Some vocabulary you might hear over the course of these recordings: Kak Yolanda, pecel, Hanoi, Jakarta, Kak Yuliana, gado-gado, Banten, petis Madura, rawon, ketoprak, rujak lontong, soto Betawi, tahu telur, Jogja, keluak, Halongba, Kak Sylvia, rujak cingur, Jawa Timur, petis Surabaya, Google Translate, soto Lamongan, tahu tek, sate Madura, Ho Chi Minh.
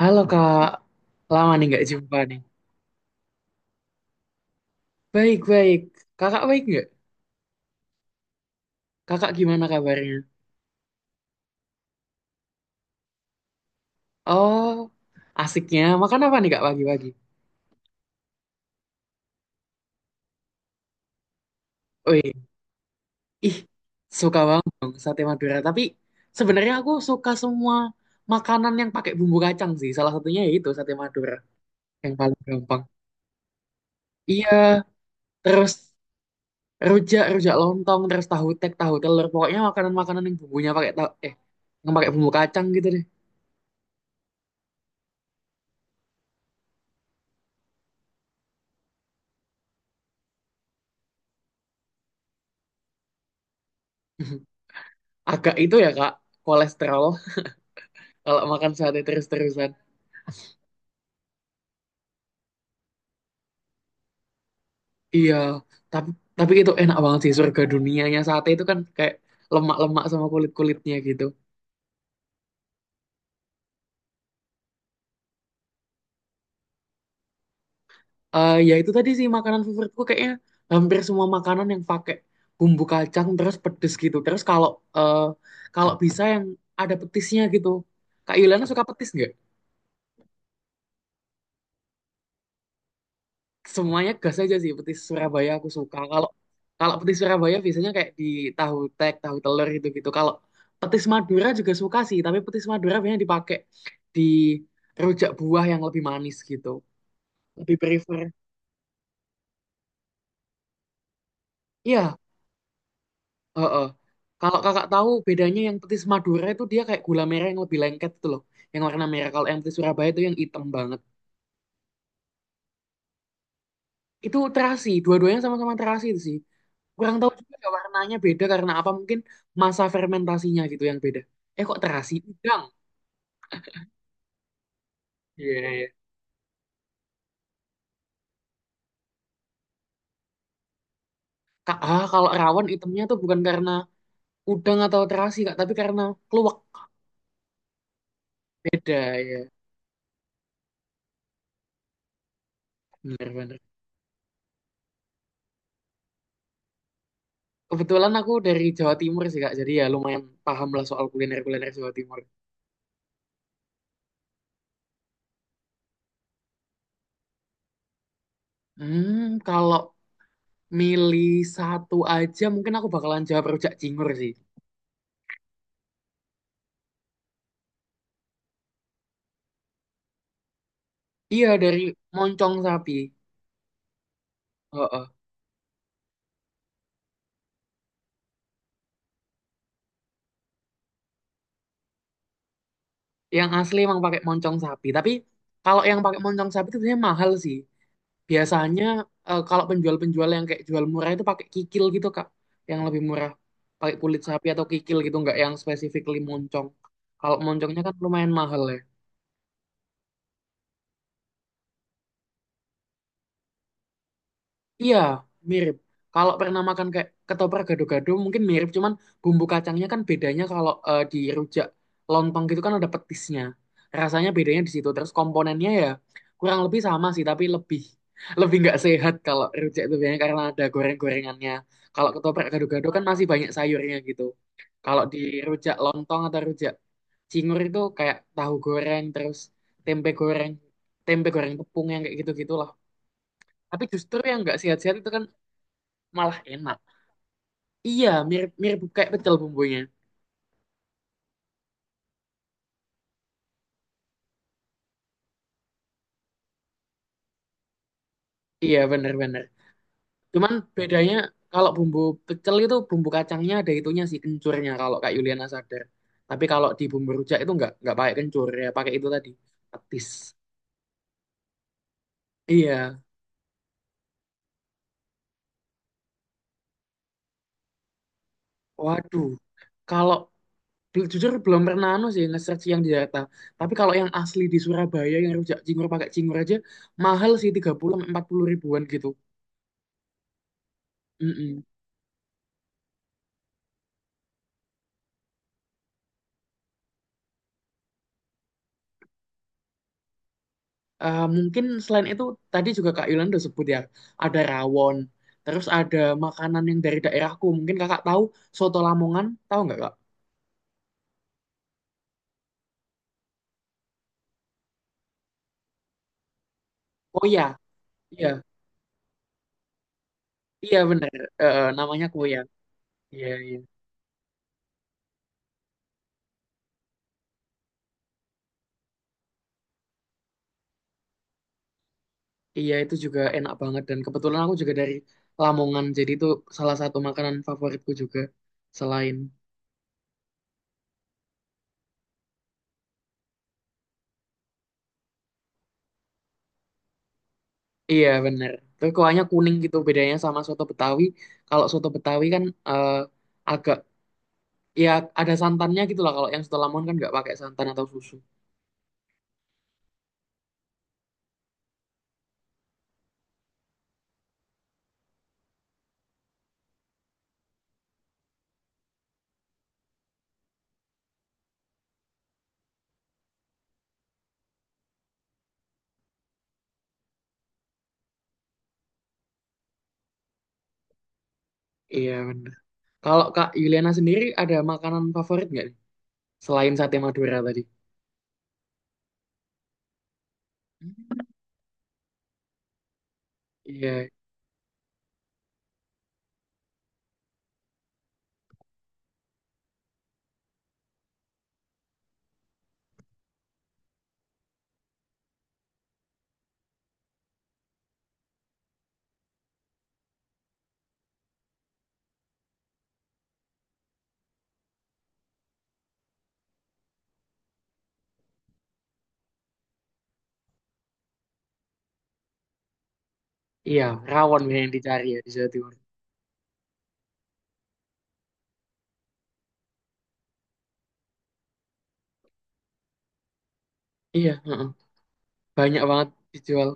Halo kak, lama nih nggak jumpa nih. Baik baik, kakak baik nggak? Kakak gimana kabarnya? Oh, asiknya. Makan apa nih kak pagi-pagi? Wih, ih, suka banget dong sate Madura. Tapi sebenarnya aku suka semua makanan yang pakai bumbu kacang sih. Salah satunya ya itu sate Madura yang paling gampang. Iya, terus rujak, rujak lontong, terus tahu tek, tahu telur. Pokoknya makanan-makanan yang bumbunya pakai tahu, eh, yang pakai bumbu kacang gitu deh. Agak itu ya kak, kolesterol kalau makan sate terus-terusan. Iya, tapi tapi itu enak banget sih, surga dunianya sate itu kan kayak lemak-lemak sama kulit-kulitnya gitu. Eh ya itu tadi sih makanan favoritku kayaknya hampir semua makanan yang pakai bumbu kacang terus pedes gitu. Terus eh, kalau bisa yang ada petisnya gitu. Kak Yuliana suka petis nggak? Semuanya gas aja sih, petis Surabaya aku suka. Kalau kalau petis Surabaya biasanya kayak di tahu tek, tahu telur gitu gitu. Kalau petis Madura juga suka sih, tapi petis Madura biasanya dipakai di rujak buah yang lebih manis gitu. Lebih prefer, iya, heeh. Kalau kakak tahu bedanya, yang petis Madura itu dia kayak gula merah yang lebih lengket itu loh, yang warna merah. Kalau yang petis Surabaya itu yang hitam banget. Itu terasi, dua-duanya sama-sama terasi itu sih. Kurang tahu juga ya warnanya beda karena apa, mungkin masa fermentasinya gitu yang beda. Eh kok terasi udang? Iya, iya, iya. Kalau rawon itemnya tuh bukan karena udang atau terasi Kak, tapi karena keluak. Beda ya. Bener, bener. Kebetulan aku dari Jawa Timur sih Kak, jadi ya lumayan paham lah soal kuliner-kuliner Jawa Timur. Hmm, kalau milih satu aja mungkin aku bakalan jawab rujak cingur sih. Iya, dari moncong sapi. Heeh. Yang asli emang pakai moncong sapi. Tapi kalau yang pakai moncong sapi itu biasanya mahal sih. Biasanya kalau penjual-penjual yang kayak jual murah itu pakai kikil gitu, Kak. Yang lebih murah. Pakai kulit sapi atau kikil gitu, nggak yang spesifik moncong. Kalau moncongnya kan lumayan mahal ya. Iya, mirip. Kalau pernah makan kayak ketoprak gado-gado mungkin mirip, cuman bumbu kacangnya kan bedanya kalau di rujak lontong gitu kan ada petisnya. Rasanya bedanya di situ. Terus komponennya ya kurang lebih sama sih, tapi lebih lebih nggak sehat kalau rujak itu biasanya karena ada goreng-gorengannya. Kalau ketoprak gado-gado kan masih banyak sayurnya gitu. Kalau di rujak lontong atau rujak cingur itu kayak tahu goreng, terus tempe goreng, tempe goreng tepung yang kayak gitu-gitulah. Tapi justru yang nggak sehat-sehat itu kan malah enak. Iya, mirip mirip kayak pecel bumbunya. Iya, bener-bener. Cuman bedanya kalau bumbu pecel itu bumbu kacangnya ada itunya sih, kencurnya, kalau Kak Yuliana sadar. Tapi kalau di bumbu rujak itu nggak pakai kencur ya, pakai itu tadi, petis. Iya, waduh. Kalau jujur belum pernah anu sih nge-search yang di Jakarta. Tapi kalau yang asli di Surabaya yang rujak cingur pakai cingur aja mahal sih, 30 sampai 40 ribuan gitu. Mm-mm. Eh, mungkin selain itu tadi juga Kak Yolanda sebut ya, ada rawon, terus ada makanan yang dari daerahku mungkin kakak tahu, soto Lamongan, tahu nggak kak? Koya, iya, iya benar. Eh, eh, namanya Koya. Iya, iya, iya itu juga enak banget, dan kebetulan aku juga dari Lamongan jadi itu salah satu makanan favoritku juga selain, iya benar, tapi kuahnya kuning gitu bedanya sama soto Betawi. Kalau soto Betawi kan agak, ya, ada santannya gitu lah. Kalau yang soto Lamongan kan nggak pakai santan atau susu. Iya benar. Kalau Kak Yuliana sendiri ada makanan favorit nggak nih? Selain sate Madura tadi. Iya, iya, rawon yang dicari ya di Jawa Timur. Iya, heeh. Banyak banget dijual.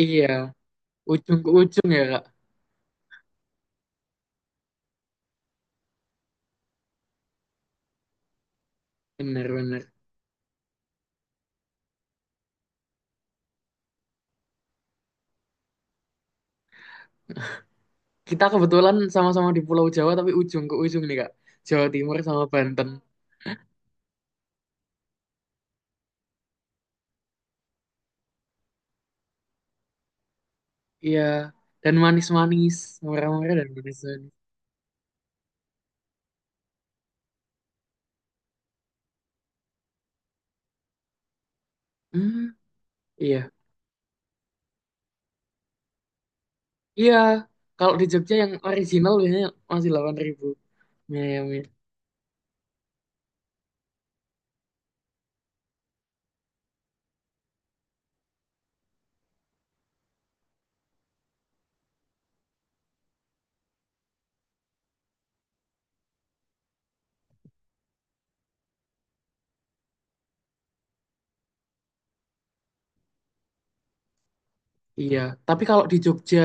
Iya, ujung ke ujung ya Kak. Bener-bener. Kita kebetulan sama-sama di Pulau Jawa tapi ujung ke ujung nih Kak. Jawa Timur sama Banten. Iya, dan manis-manis, murah-murah dan manis-manis. Hmm, iya, iya. Kalau di Jogja yang original biasanya masih 8.000. Iya, iya, iya. Iya, tapi kalau di Jogja,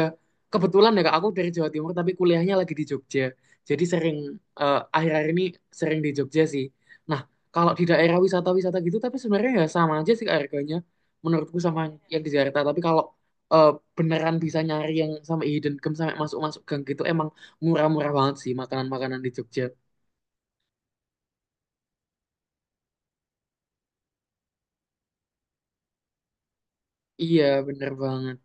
kebetulan ya Kak, aku dari Jawa Timur tapi kuliahnya lagi di Jogja. Jadi sering akhir-akhir ini sering di Jogja sih. Nah, kalau di daerah wisata-wisata gitu tapi sebenarnya ya sama aja sih harganya, menurutku sama yang di Jakarta. Tapi kalau eh, beneran bisa nyari yang sama, hidden gem sampai masuk-masuk gang gitu, emang murah-murah banget sih makanan-makanan di Jogja. Iya, bener banget.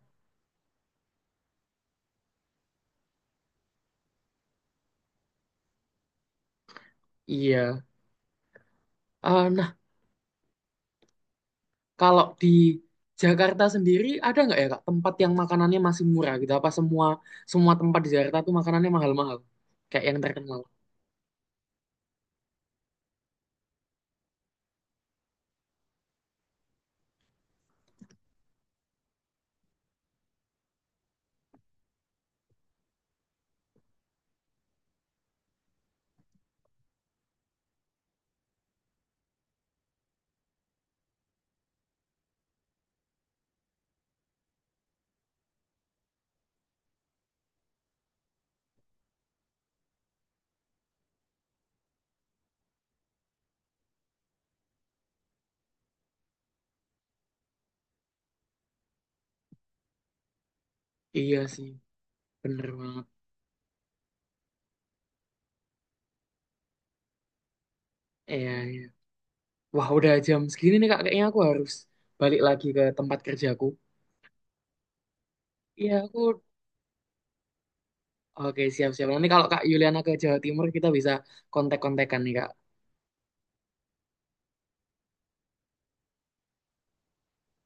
Iya. Eh, kalau di Jakarta sendiri ada nggak ya Kak tempat yang makanannya masih murah gitu? Apa semua semua tempat di Jakarta tuh makanannya mahal-mahal? Kayak yang terkenal. Iya sih, bener banget. Iya, iya. Wah, udah jam segini nih Kak, kayaknya aku harus balik lagi ke tempat kerjaku. Iya, aku. Oke, siap-siap. Nanti kalau Kak Yuliana ke Jawa Timur, kita bisa kontak-kontakan nih, Kak.